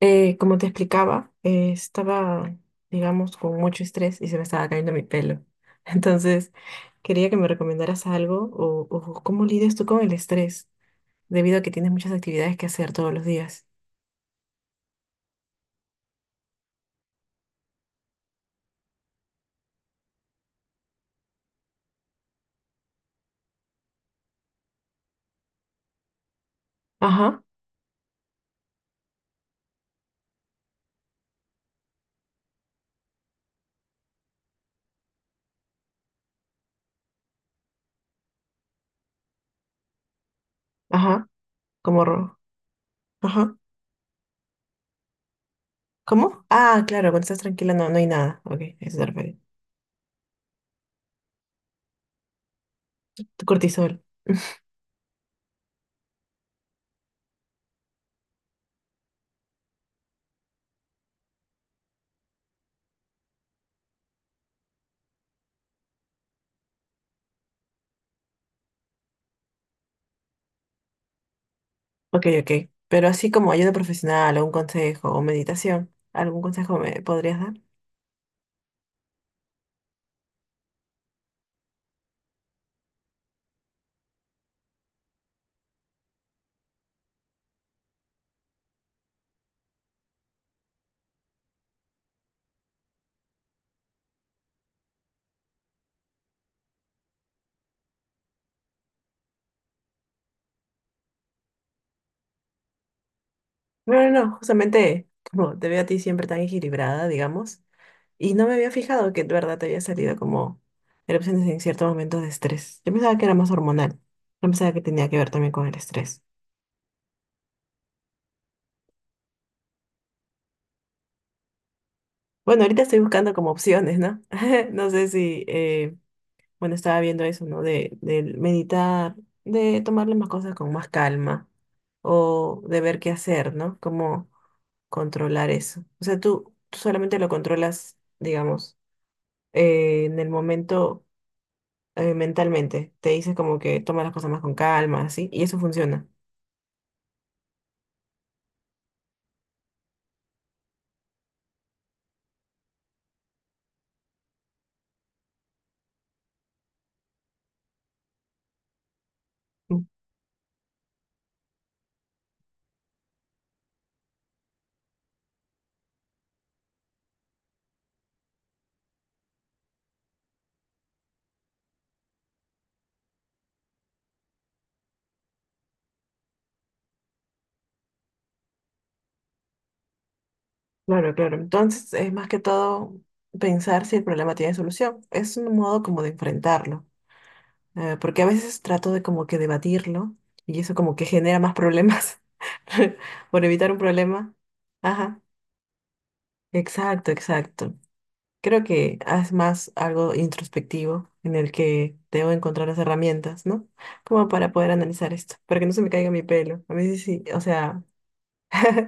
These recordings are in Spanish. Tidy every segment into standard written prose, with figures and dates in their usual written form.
Como te explicaba, estaba, digamos, con mucho estrés y se me estaba cayendo mi pelo. Entonces, quería que me recomendaras algo o cómo lidias tú con el estrés, debido a que tienes muchas actividades que hacer todos los días. Ajá, ajá, como, ajá, ¿cómo? Ah, claro, cuando estás tranquila no hay nada. Ok, eso te refiere. Tu cortisol. Ok, ok. Pero así como ayuda profesional o un consejo o meditación, ¿algún consejo me podrías dar? No, no, no, justamente como te veo a ti siempre tan equilibrada, digamos, y no me había fijado que de verdad te había salido como erupciones en ciertos momentos de estrés. Yo pensaba que era más hormonal, no pensaba que tenía que ver también con el estrés. Bueno, ahorita estoy buscando como opciones, ¿no? No sé si, bueno, estaba viendo eso, ¿no? Del meditar, de tomar las cosas con más calma, o de ver qué hacer, ¿no? Cómo controlar eso. O sea, tú solamente lo controlas, digamos, en el momento mentalmente. Te dice como que toma las cosas más con calma, así, y eso funciona. Mm, claro, claro. Entonces es más que todo pensar si el problema tiene solución. Es un modo como de enfrentarlo, porque a veces trato de como que debatirlo y eso como que genera más problemas por evitar un problema. Ajá, exacto, exacto. Creo que es más algo introspectivo en el que debo encontrar las herramientas, ¿no? Como para poder analizar esto, para que no se me caiga mi pelo. A veces sí, sí, o sea,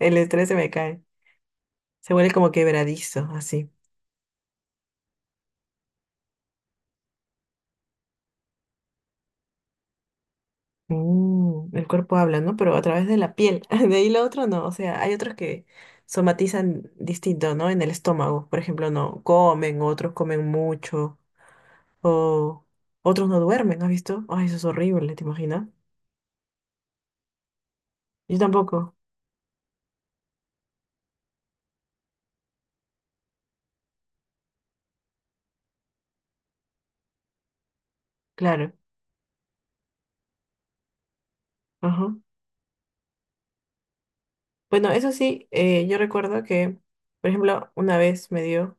el estrés se me cae. Se vuelve como quebradizo, así. Mm, el cuerpo habla, ¿no? Pero a través de la piel. De ahí lo otro no. O sea, hay otros que somatizan distinto, ¿no? En el estómago. Por ejemplo, no comen, otros comen mucho. O otros no duermen, ¿no ¿has visto? Ay, eso es horrible, ¿te imaginas? Yo tampoco, claro. Ajá. Bueno, eso sí, yo recuerdo que, por ejemplo, una vez me dio.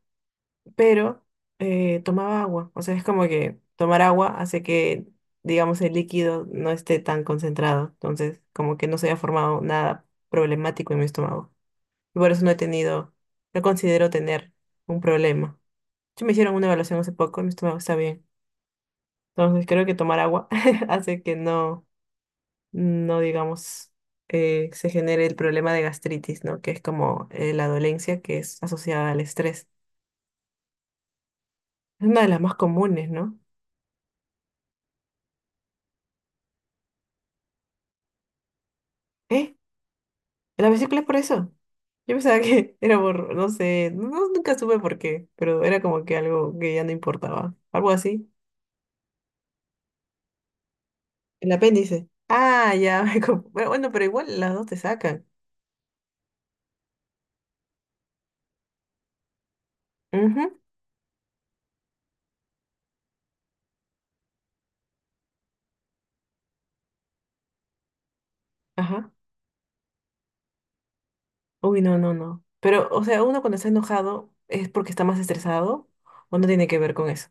Pero tomaba agua. O sea, es como que tomar agua hace que, digamos, el líquido no esté tan concentrado. Entonces, como que no se haya formado nada problemático en mi estómago. Y por eso no he tenido, no considero tener un problema. Sí me hicieron una evaluación hace poco y mi estómago está bien. Entonces, creo que tomar agua hace que no, no digamos, se genere el problema de gastritis, ¿no? Que es como la dolencia que es asociada al estrés. Es una de las más comunes, ¿no? ¿Eh? La vesícula es por eso. Yo pensaba que era por, no sé, no, no, nunca supe por qué, pero era como que algo que ya no importaba. Algo así. El apéndice. Ah, ya. Pero bueno, pero igual las dos te sacan. Ujú, ajá. Uy, no, no, no. Pero, o sea, uno cuando está enojado es porque está más estresado o no tiene que ver con eso.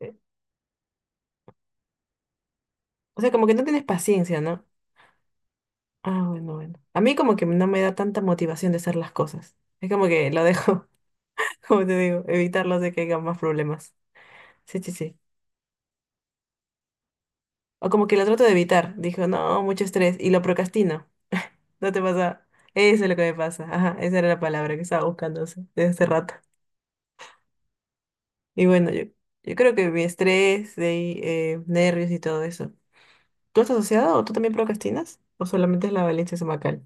Eh, O sea, como que no tienes paciencia, ¿no? Ah, bueno, bueno. A mí como que no me da tanta motivación de hacer las cosas. Es como que lo dejo, como te digo, evitarlo de que haya más problemas. Sí, sí, sí. O como que lo trato de evitar. Dijo, no, mucho estrés. Y lo procrastino. ¿No te pasa? Eso es lo que me pasa. Ajá, esa era la palabra que estaba buscando desde hace rato. Y bueno, yo creo que mi estrés, de ahí, nervios y todo eso. ¿Tú estás asociado o tú también procrastinas? ¿O solamente es la valencia estomacal?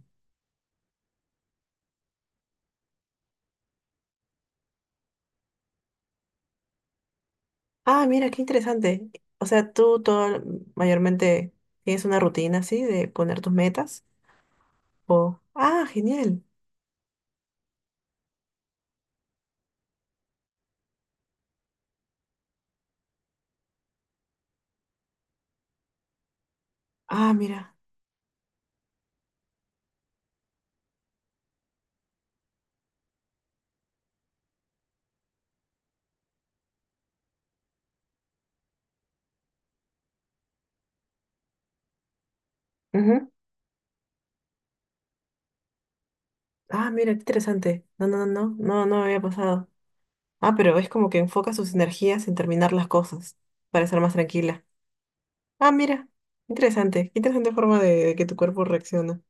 Ah, mira, qué interesante. O sea, tú todo mayormente tienes una rutina así de poner tus metas. O, ah, genial. Ah, mira. Ujú. Ah, mira, qué interesante. No, no, no, no, no, no me había pasado. Ah, pero es como que enfoca sus energías en terminar las cosas para ser más tranquila. Ah, mira, interesante. Qué interesante forma de que tu cuerpo reacciona.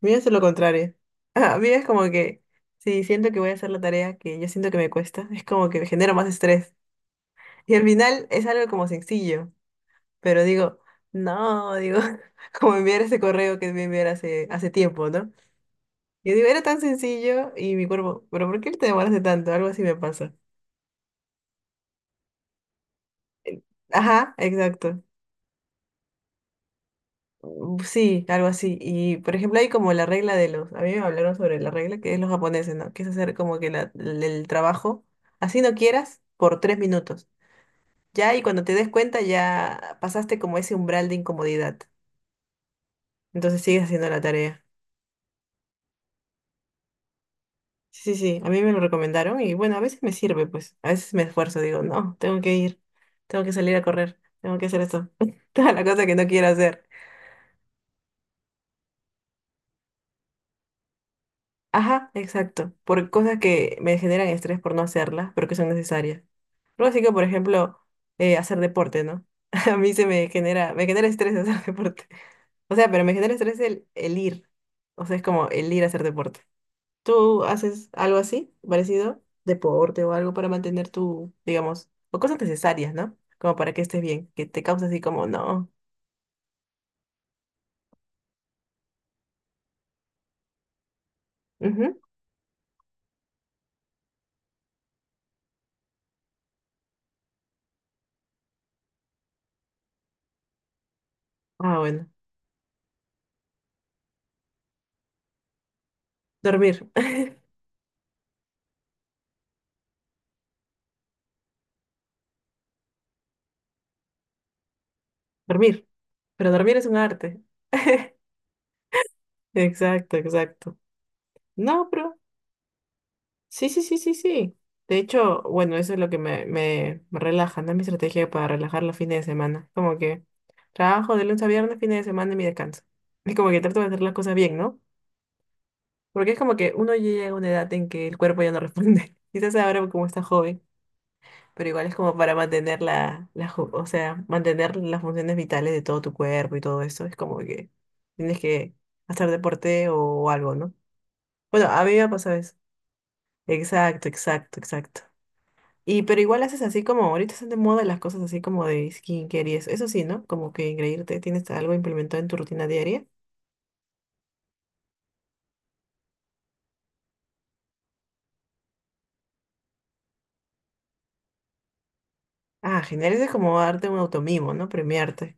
Mira, es lo contrario. Ah, mira, es como que si siento que voy a hacer la tarea que yo siento que me cuesta, es como que me genero más estrés. Y al final es algo como sencillo, pero digo, no, digo, como enviar ese correo que me enviar hace tiempo, ¿no? Yo digo, era tan sencillo y mi cuerpo, pero ¿por qué te demoraste tanto? Algo así me pasa. Ajá, exacto. Mm, sí, algo así. Y por ejemplo, hay como la regla de los, a mí me hablaron sobre la regla que es los japoneses, ¿no? Que es hacer como que el trabajo, así no quieras, por 3 minutos. Ya, y cuando te des cuenta, ya pasaste como ese umbral de incomodidad. Entonces sigues haciendo la tarea. Sí, sí, sí, a mí me lo recomendaron y bueno, a veces me sirve, pues, a veces me esfuerzo, digo, no, tengo que ir, tengo que salir a correr, tengo que hacer esto, toda la cosa que no quiero hacer. Ajá, exacto, por cosas que me generan estrés por no hacerlas, pero que son necesarias. Algo así que, por ejemplo, hacer deporte, ¿no? A mí se me genera estrés hacer deporte. O sea, pero me genera estrés el ir. O sea, es como el ir a hacer deporte. ¿Tú haces algo así, parecido? Deporte o algo para mantener tu, digamos, o cosas necesarias, ¿no? Como para que estés bien, que te causa así como, no. Ujú. Ah, bueno. Dormir. Dormir. Pero dormir es un arte. Exacto, exacto. No, pero sí, sí, sí, sí, sí. De hecho, bueno, eso es lo que me relaja, ¿no? Mi estrategia para relajar los fines de semana. Como que trabajo de lunes a viernes, fines de semana y mi descanso. Es como que trato de hacer las cosas bien, ¿no? Porque es como que uno ya llega a una edad en que el cuerpo ya no responde. Quizás ahora como está joven, pero igual es como para mantener o sea, mantener las funciones vitales de todo tu cuerpo y todo eso. Es como que tienes que hacer deporte o algo, ¿no? Bueno, a mí me ha pasado eso. Exacto, exacto, exacto. Y pero igual haces así como, ahorita están de moda las cosas así como de skincare y eso. Eso sí, ¿no? Como que engreírte, tienes algo implementado en tu rutina diaria. Ah, genial, eso es como darte un automimo, ¿no? Premiarte.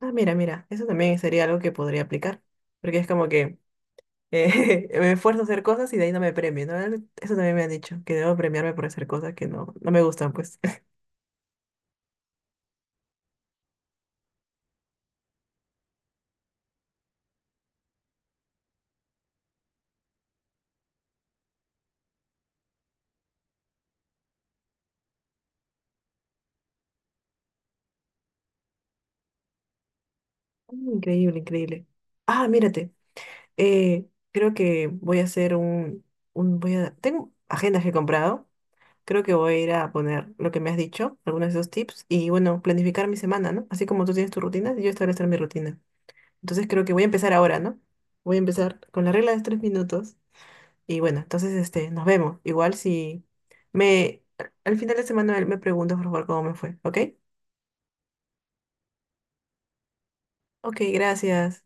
Ah, mira, mira, eso también sería algo que podría aplicar. Porque es como que me esfuerzo a hacer cosas y de ahí no me premio, ¿no? Eso también me han dicho, que debo premiarme por hacer cosas que no, no me gustan, pues. Increíble, increíble. Ah, mírate, creo que voy a hacer voy a, tengo agendas que he comprado. Creo que voy a ir a poner lo que me has dicho, algunos de esos tips, y bueno, planificar mi semana, ¿no? Así como tú tienes tu rutina, yo establecer mi rutina. Entonces creo que voy a empezar ahora, ¿no? Voy a empezar con la regla de los 3 minutos. Y bueno, entonces este, nos vemos. Igual si me al final de semana me preguntas, por favor, cómo me fue, ¿ok? Ok, gracias.